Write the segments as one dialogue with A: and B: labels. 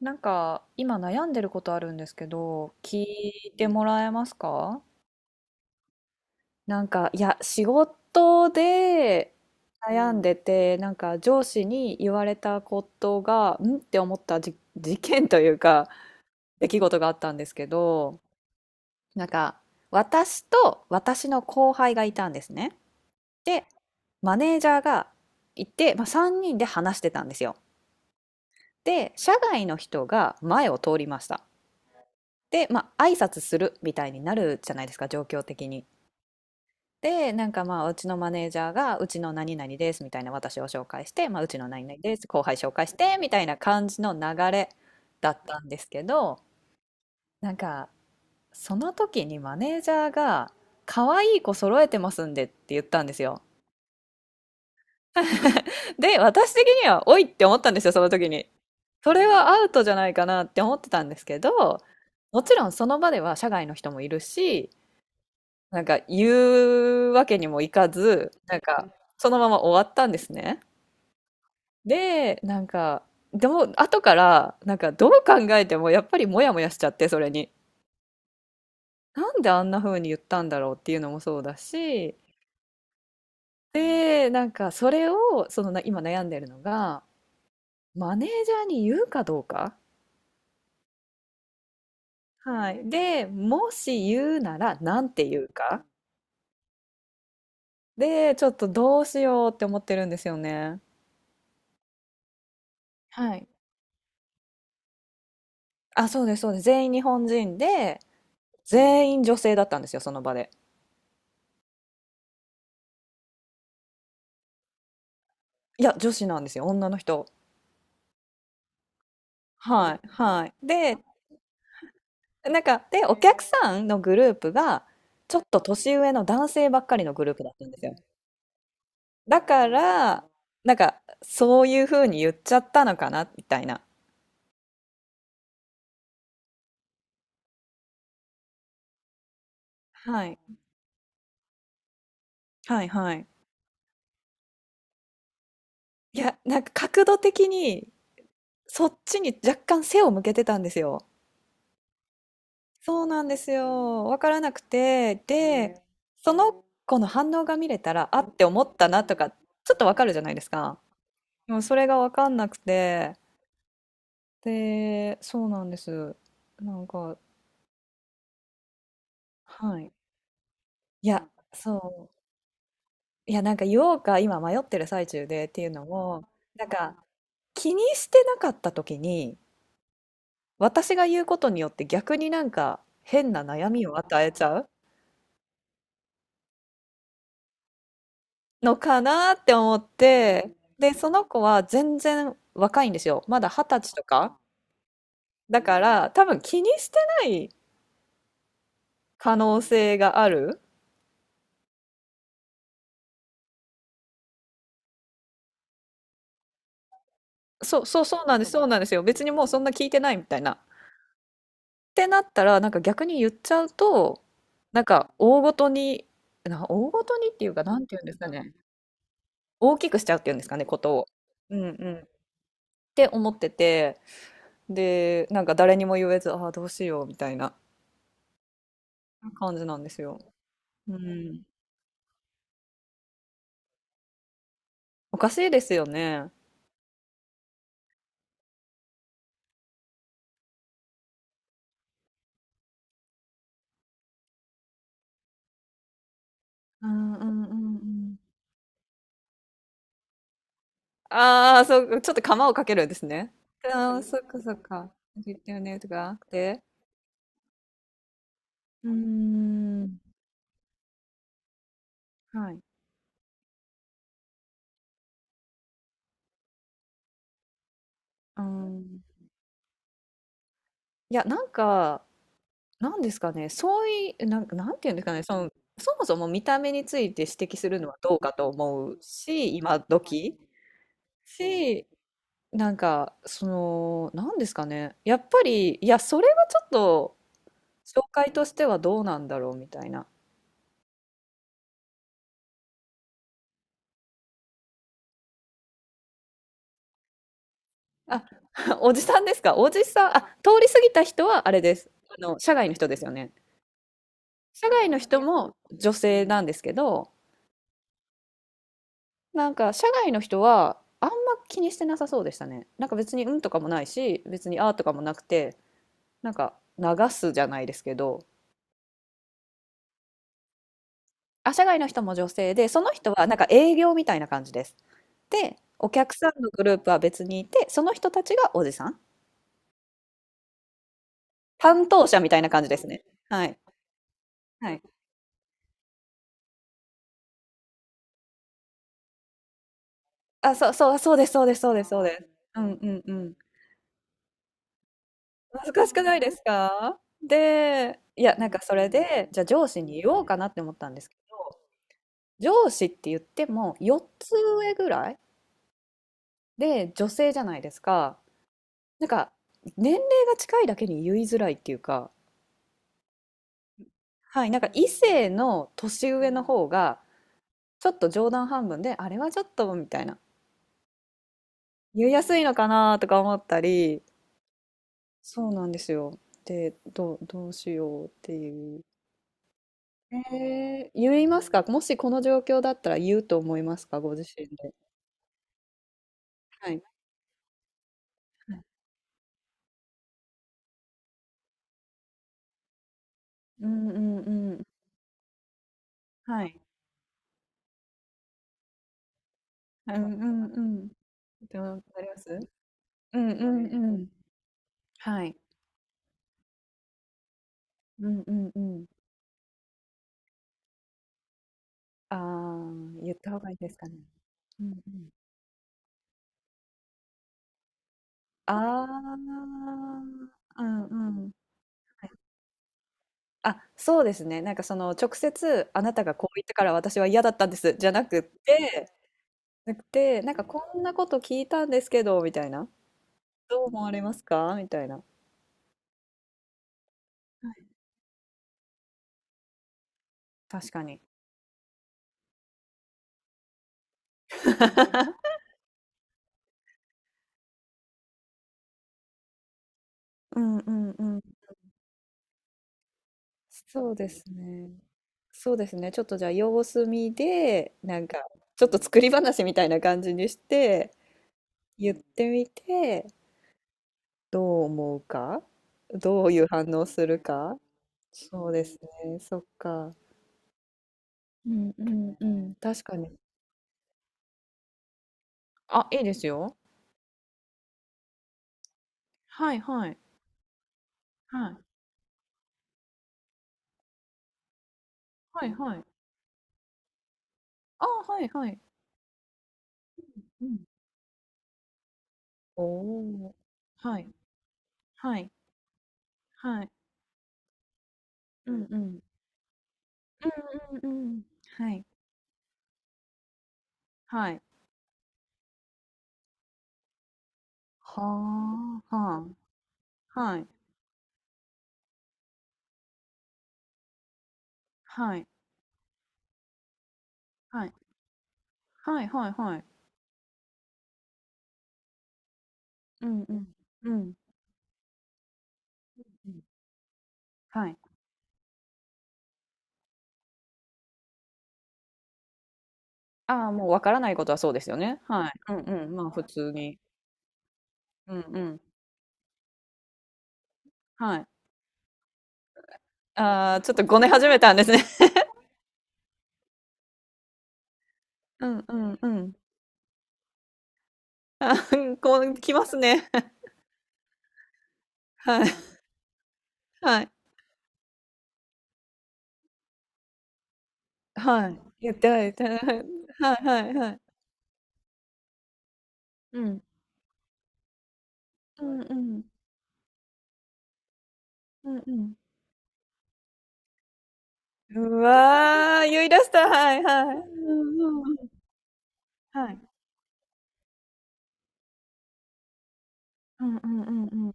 A: なんか今悩んでることあるんですけど、聞いてもらえますか。なんか、いや、仕事で悩んでて、なんか上司に言われたことが、んって思った事件というか、出来事があったんですけど、なんか、私と私の後輩がいたんですね。で、マネージャーがいて、まあ、3人で話してたんですよ。で、社外の人が前を通りました。で、まあ、挨拶するみたいになるじゃないですか、状況的に。で、なんかまあ、うちのマネージャーが、うちの何々ですみたいな私を紹介して、まあ、うちの何々です、後輩紹介してみたいな感じの流れだったんですけど、なんか、その時にマネージャーが、可愛い子揃えてますんでって言ったんですよ。で、私的には、おいって思ったんですよ、その時に。それはアウトじゃないかなって思ってたんですけど、もちろんその場では社外の人もいるし、なんか言うわけにもいかず、なんかそのまま終わったんですね。で、なんか、でも後から、なんかどう考えてもやっぱりモヤモヤしちゃって、それに。なんであんな風に言ったんだろうっていうのもそうだし、で、なんかそれを、そのな今悩んでるのが、マネージャーに言うかどうか。はい。で、もし言うならなんて言うか。で、ちょっとどうしようって思ってるんですよね。はい。あ、そうです、そうです。全員日本人で、全員女性だったんですよ、その場で。いや、女子なんですよ、女の人。はい、はい。で、なんか、で、お客さんのグループが、ちょっと年上の男性ばっかりのグループだったんですよ。だから、なんか、そういう風に言っちゃったのかな、みたいな。はい、はい、はい。いや、なんか角度的に、そっちに若干背を向けてたんですよ。そうなんですよ。わからなくて、で、その子の反応が見れたら、あって思ったなとか、ちょっとわかるじゃないですか。でもそれがわかんなくて、で、そうなんです。なんか、はい。いや、そう。いや、なんか言おうか、今迷ってる最中でっていうのも、なんか、気にしてなかった時に、私が言うことによって逆になんか変な悩みを与えちゃうのかなって思って、で、その子は全然若いんですよ。まだ二十歳とか。だから、多分気にしてない可能性がある。そう、そう、そうなんです、そうなんですよ。別にもうそんな聞いてないみたいな。ってなったら、なんか逆に言っちゃうと、なんか大ごとに、大ごとにっていうか、なんて言うんですかね。大きくしちゃうっていうんですかね、ことを。うんうん。って思ってて、で、なんか誰にも言えず、ああ、どうしようみたいな感じなんですよ。うん。おかしいですよね。うんうんうんうん。ああ、そう、ちょっと釜をかけるんですね。ああ、そっかそっか。言ってよね、とか、で、うーん。はい。うん。いや、なんか、なんですかね、そういう、なんか、なんていうんですかね、その、そもそも見た目について指摘するのはどうかと思うし、今時し、なんか、その、なんですかね、やっぱり、いや、それはちょっと、紹介としてはどうなんだろうみたいな。あ、おじさんですか。おじさん、あ、通り過ぎた人はあれです。社外の人ですよね。社外の人も女性なんですけど、なんか社外の人はあんま気にしてなさそうでしたね。なんか別にうんとかもないし、別にあーとかもなくて、なんか流すじゃないですけど、あ、社外の人も女性で、その人はなんか営業みたいな感じです。で、お客さんのグループは別にいて、その人たちがおじさん。担当者みたいな感じですね。はい。はい、あ、そうそう、そうですそうですそうですそうです。うんうんうん。難しくないですか？で、いや、なんかそれで、じゃあ上司に言おうかなって思ったんですけど、上司って言っても4つ上ぐらいで女性じゃないですか。なんか年齢が近いだけに言いづらいっていうか、はい、なんか異性の年上の方がちょっと冗談半分で、あれはちょっとみたいな、言いやすいのかなとか思ったり、そうなんですよ。で、どうしようっていう。ええ、言いますか？もしこの状況だったら言うと思いますか？ご自身で。はい。はい。うんうんうん。はい。うんうんうん。でも、わかります？うんうんうん。はい。うんうんうん。ああ、言った方がいいですかね。うんうん。ああ、うんうん。はい。あ、そうですね。なんかその直接あなたがこう言ったから私は嫌だったんですじゃなくて、なんかこんなこと聞いたんですけどみたいな。どう思われますか？みたいな。はい、確かに。うんうんうん。そうですね。そうですね。ちょっとじゃあ様子見で、なんかちょっと作り話みたいな感じにして、言ってみて、どう思うか、どういう反応するか。そうですね、そっか。うんうんうん、確かに。あ、いいですよ。はいはい。はい。はいはい。あ、はいはい。うん。おお。はい。はい。はい。うんうん。うんうんうん。はい、はい。はあ、はあ、はい、はい、はい、はいはいはい。うんうん。うん、うん。はい。ああ、もうわからないことはそうですよね。はい。うんうん、まあ、普通に。うんうん。はい。ああ、ちょっとごね始めたんですね。うんうんうん。ああ、こう来ますね。はい、はい、はい。言ってはいた。はい、はいはい。うん。うんうん。うんうん。うわー、言い出した。はいはい。うんうん。はい。うんうんうんうん。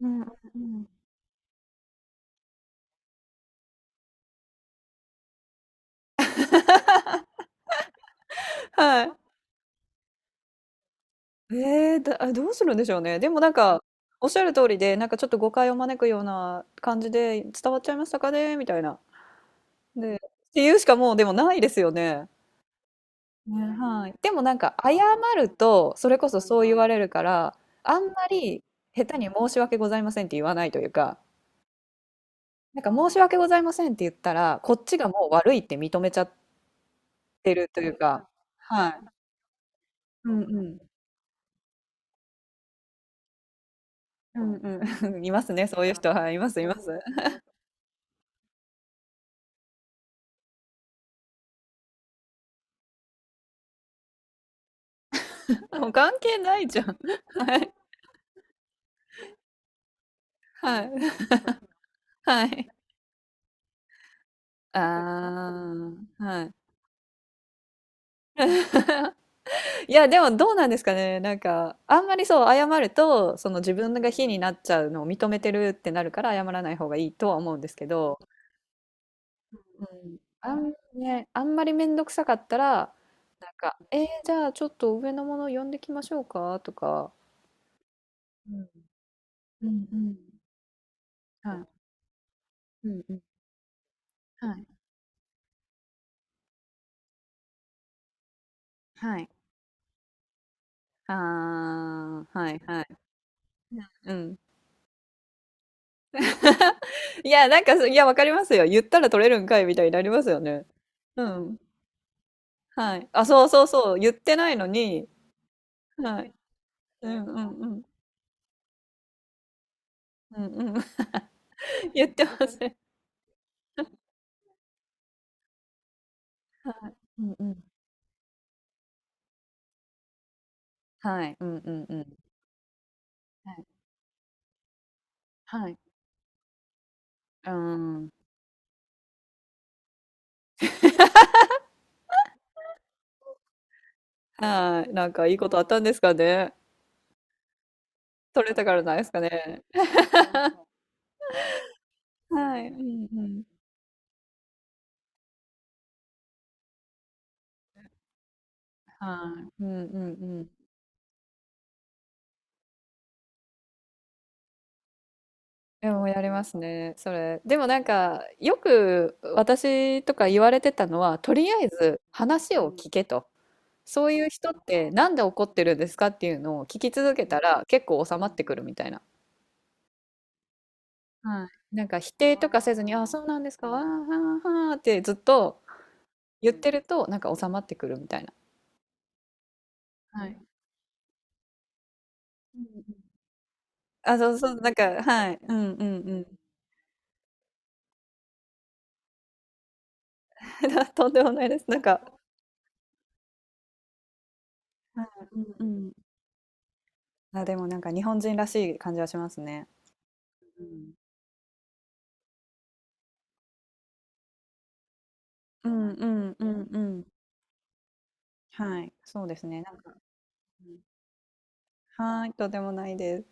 A: うんうんうん。はい。ええ、どうするんでしょうね。でもなんか、おっしゃる通りで、なんかちょっと誤解を招くような感じで「伝わっちゃいましたかね？」みたいな。で、っていうしかもうでもないですよね。ね、はい。でもなんか謝ると、それこそそう言われるから、あんまり下手に「申し訳ございません」って言わないというか、なんか「申し訳ございません」って言ったら、こっちがもう悪いって認めちゃってるというか、はい。うんうん。うんうん。いますね、そういう人。はい、いますいます。もう関係ないじゃん。はい、はい、はい。ああ、はい。いや、でもどうなんですかね。なんか、あんまりそう、謝ると、その自分が非になっちゃうのを認めてるってなるから、謝らない方がいいとは思うんですけど、うん、あんまりめんどくさかったら、なんか、じゃあちょっと上のもを呼んできましょうかとか。うん。うんうん。はい。うんうん。はい。はい。ああ、はいはい。うん。いや、なんか、いや、わかりますよ。言ったら取れるんかいみたいになりますよね。うん。はい。あ、そうそうそう。言ってないのに、はい。うんうんうん。うんうん。言ってません。はい。うんうん。はい。うんうんうん。はい。はい。うーん。はい。なんかいいことあったんですかね。取れたからないですかね。はい。うんうん。はい。うんうんうん。でもやりますね、それ。でもなんか、よく私とか言われてたのは、とりあえず話うをん、聞けと。そういう人ってなんで怒ってるんですかっていうのを聞き続けたら結構収まってくるみたいな。はい。なんか否定とかせずに、あ、そうなんですか、あーはーはーってずっと言ってると、なんか収まってくるみたいな。はい。うんうん、あ、そうそう、なんか、はい。うんうんうん。とんでもないです。なんか、はい。うんうん。あ、でもなんか日本人らしい感じはしますね。うんうんうんうんうん。はい、そうですね。なんかうん。はーい、とでもないです。